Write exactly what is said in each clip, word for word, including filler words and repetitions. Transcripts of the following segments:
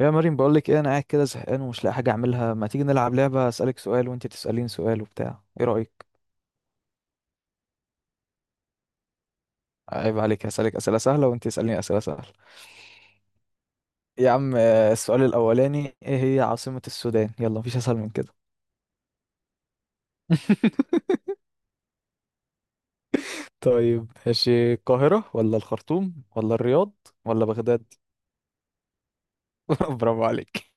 يا مريم، بقول لك ايه، انا قاعد كده زهقان ومش لاقي حاجه اعملها. ما تيجي نلعب لعبه، اسالك سؤال وانت تساليني سؤال وبتاع، ايه رايك؟ عيب عليك، هسالك اسئله سهله وانت تساليني اسئله سهله. يا عم، آه، السؤال الاولاني، ايه هي عاصمه السودان؟ يلا، مفيش اسهل من كده. طيب، ماشي. القاهره ولا الخرطوم ولا الرياض ولا بغداد؟ برافو عليك.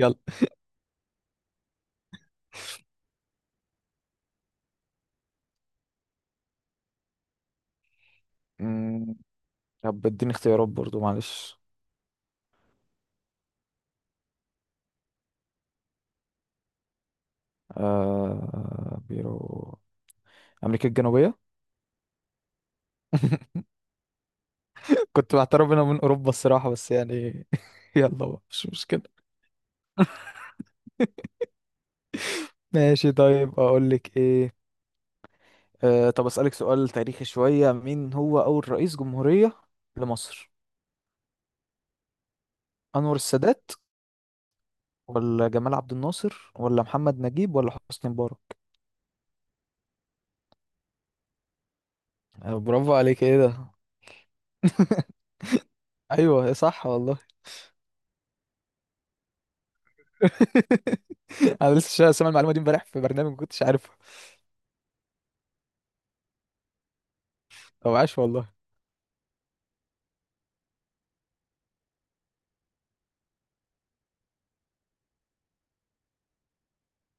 يلا. أمم، طب اديني اختيارات برضو، معلش. آه بيرو، امريكا الجنوبيه. كنت بعترف انا من اوروبا الصراحه، بس يعني. يلا بقى، مش مشكله. ماشي، طيب. اقول لك ايه. آه طب اسالك سؤال تاريخي شويه، مين هو اول رئيس جمهوريه لمصر؟ انور السادات ولا جمال عبد الناصر ولا محمد نجيب ولا حسني مبارك؟ آه، برافو عليك. ايه ده؟ ايوه، صح والله. انا لسه شا- سامع المعلومه دي امبارح في برنامج، ما كنتش عارفها. او، عاش والله.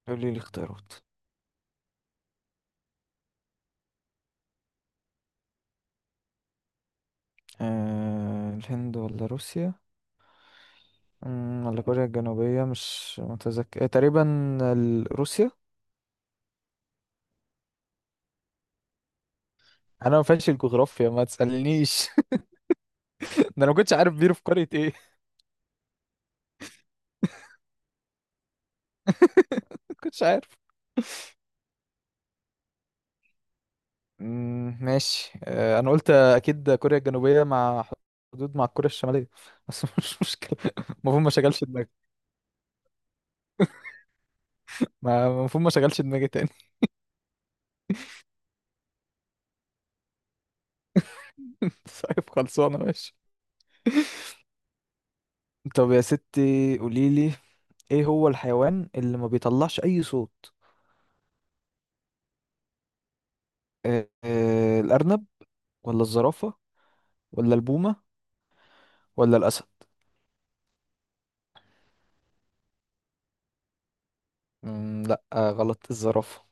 قولي لي الاختيارات. آه الهند ولا روسيا؟ أمم، ولا كوريا الجنوبية؟ مش متذكر، إيه، تقريبا ال- روسيا. انا ما فاهمش الجغرافيا، ما تسألنيش. ده انا ما كنتش عارف بيرو في قرية ايه. ما كنتش عارف. أمم، ماشي. آه، انا قلت اكيد كوريا الجنوبية مع، حدود مع كوريا الشمالية. بس مش مشكلة. المفروض ما شغلش دماغي. ما- المفروض ما شغلش دماغي تاني. طيب، خلصانة. ماشي. طب يا ستي، قوليلي، ايه هو الحيوان اللي ما بيطلعش اي صوت؟ آه، آه، الارنب ولا الزرافة ولا البومة ولا الأسد؟ مم، لا، آه، غلط. الزرافة.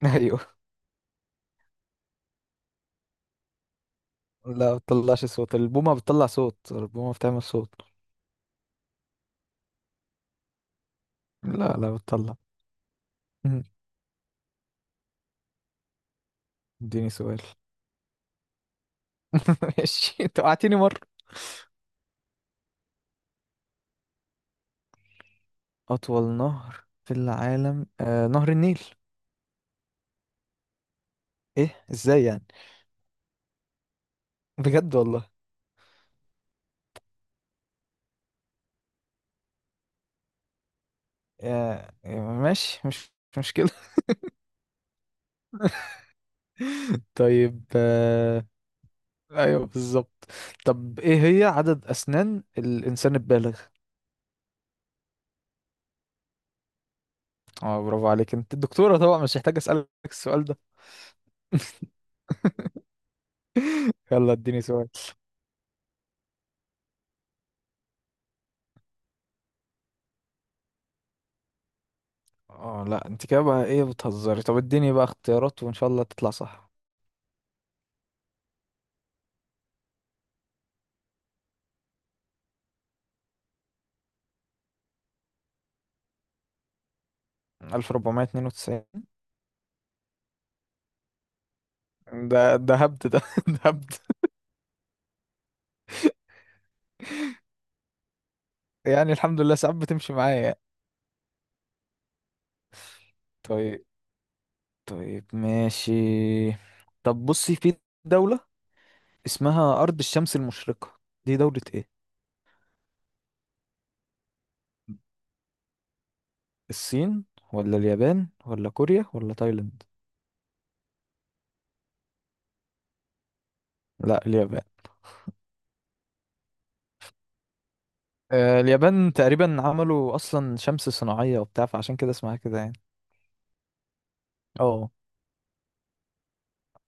أيوه. لا، ما بتطلعش صوت. البومة بتطلع صوت. البومة بتعمل صوت. لا، لا بتطلع. مم. اديني سؤال. ماشي، انت وقعتني مرة. أطول نهر في العالم؟ آه نهر النيل. إيه، إزاي يعني؟ بجد والله؟ آه ماشي. مش مش مشكلة. طيب. آه أيوه، بالظبط. طب إيه هي عدد أسنان الإنسان البالغ؟ اه، برافو عليك، انت الدكتورة طبعا، مش محتاج أسألك السؤال ده. يلا، اديني سؤال. اه، لا انت كده بقى، ايه بتهزري؟ طب اديني بقى اختيارات، وان شاء الله تطلع صح. ألف وأربعمية اتنين وتسعين. ده ده هبد ده. ده هبد. يعني الحمد لله، ساعات بتمشي معايا. طيب. طيب، ماشي. طب بصي، في دولة اسمها أرض الشمس المشرقة، دي دولة ايه؟ الصين ولا اليابان ولا كوريا ولا تايلاند؟ لا، اليابان. آه اليابان تقريبا عملوا أصلا شمس صناعية وبتاع، فعشان كده اسمها كده يعني. اه.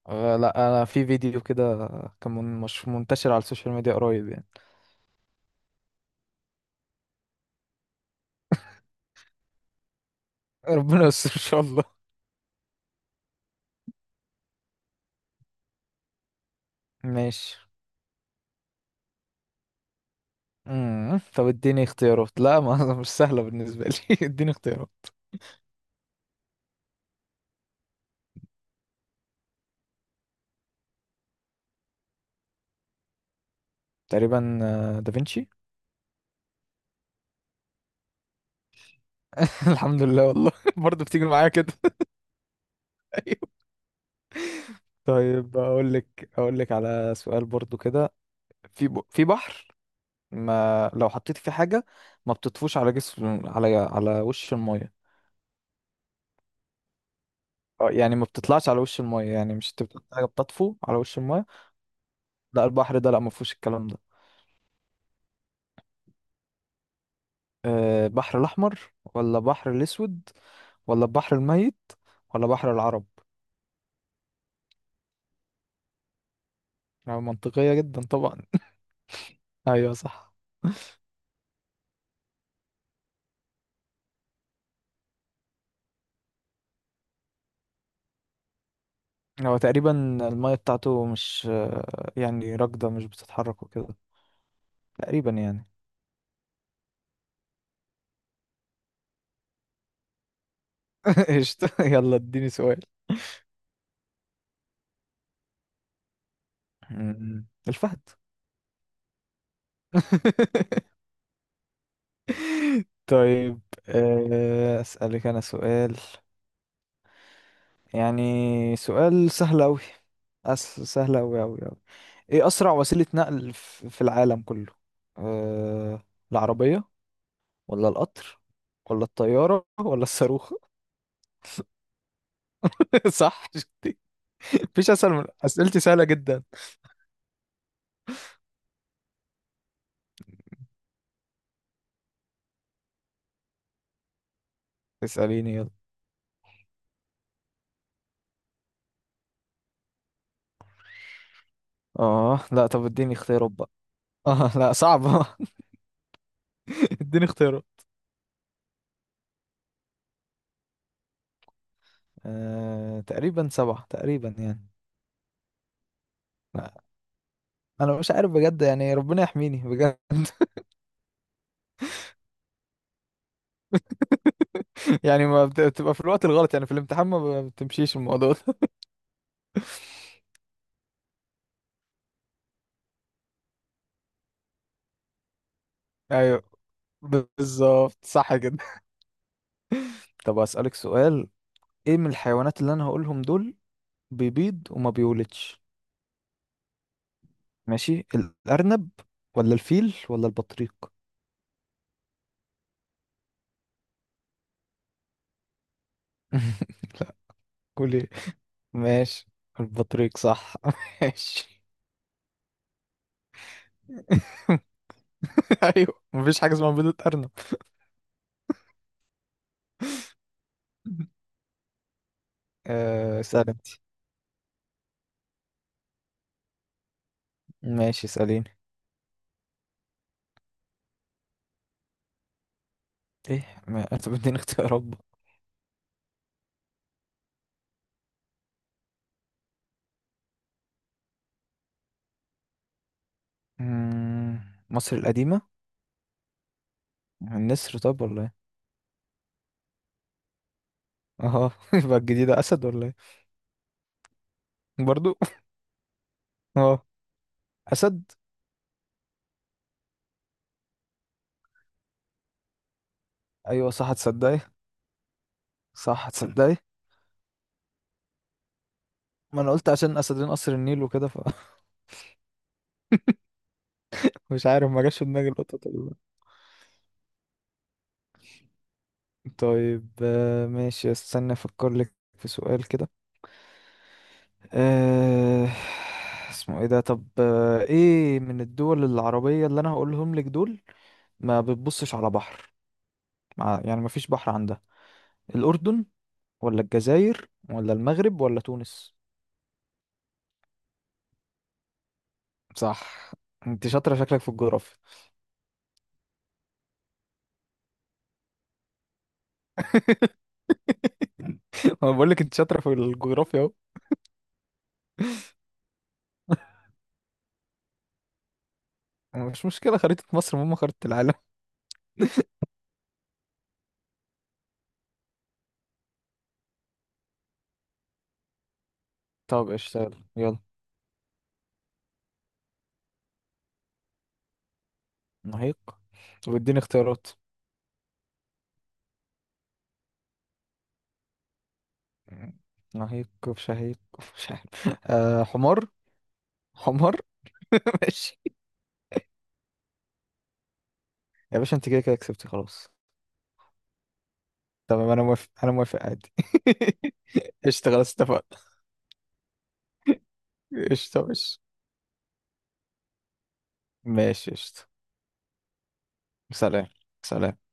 آه، لا انا في فيديو كده، كان من- مش منتشر على السوشيال ميديا قريب يعني. ربنا يستر ان شاء الله. ماشي. امم طب اديني اختيارات. لا، ما مش سهله بالنسبه لي. اديني اختيارات. تقريبا، آه، دافنشي. الحمد لله والله. برضه بتيجي معايا كده. ايوه. طيب، اقول لك اقول لك على سؤال برضه كده. في ب... في بحر، ما لو حطيت فيه حاجه، ما بتطفوش على جسم، على على وش الميه. آه، يعني ما بتطلعش على وش الميه. يعني مش انت بتحط حاجه بتطفو على وش الميه؟ لا، البحر ده لا، ما فيهوش الكلام ده. أه بحر الأحمر ولا بحر الأسود ولا البحر الميت ولا بحر العرب؟ يعني منطقية جدا طبعا. أيوة، صح. هو تقريبا المية بتاعته مش آه، يعني راكدة، مش بتتحرك وكده. تقريبا يعني. قشطة، يلا اديني سؤال. م- الفهد. طيب، آه، أسألك أنا سؤال، يعني سؤال سهل أوي. أس... سهل أوي أوي أوي. إيه أسرع وسيلة نقل ف- في العالم كله؟ أه... العربية ولا القطر ولا الطيارة ولا الصاروخ؟ صح، شفتي؟ مفيش أسهل من أسئلتي، سهلة جدا. اسأليني، يلا. آه لا، طب اديني اختيارات بقى. آه لا، صعبة. اديني اختيارات. أه... تقريبا سبعة، تقريبا يعني. لا، أنا مش عارف بجد يعني، ربنا يحميني بجد. يعني ما بت- بتبقى في الوقت الغلط، يعني في الامتحان ما بتمشيش الموضوع ده. ايوه، ب- بالظبط، صح كده. طب اسالك سؤال. ايه من الحيوانات اللي انا هقولهم دول بيبيض وما بيولدش؟ ماشي، الارنب ولا الفيل ولا البطريق؟ لا. قول ايه. ماشي، البطريق صح. ماشي. ايوه، مفيش حاجه اسمها بيضة ارنب. آه، اسال انت. ماشي، اساليني. ايه، ما انت بدين اختيارات بقى. مم، مصر القديمه. النسر، طب ولا ايه؟ اه. يبقى الجديدة اسد، ولا ايه؟ برضو. اه، اسد. ايوه صح، هتصدقي. صح، هتصدقي. ما انا قلت عشان اسدين قصر النيل وكده، فمش عارف، ما جاش في دماغي القطط ولا لأ. طيب. آه، ماشي، استنى افكر لك في سؤال كده. آه، اسمه ايه ده. طب آه، ايه من الدول العربية اللي انا هقولهم لك دول، ما بتبصش على بحر، مع- يعني ما فيش بحر عندها. الاردن ولا الجزائر ولا المغرب ولا تونس؟ صح. انت شاطرة شكلك في الجغرافيا. انا بقول لك انت شاطرة في الجغرافيا. اهو، مش مشكلة، خريطة مصر مهمة، خريطة العالم. طب اشتغل، يلا. نهيق. واديني اختيارات. نهيق في، شهيق في، مش عارف. آه حمار. حمار. ماشي. يا باشا، انت كده كده كسبتي خلاص. تمام، انا موافق انا موافق عادي. قشطة، خلاص اتفقنا. قشطة، ماشي. ماشي، قشطة. سلام. سلام.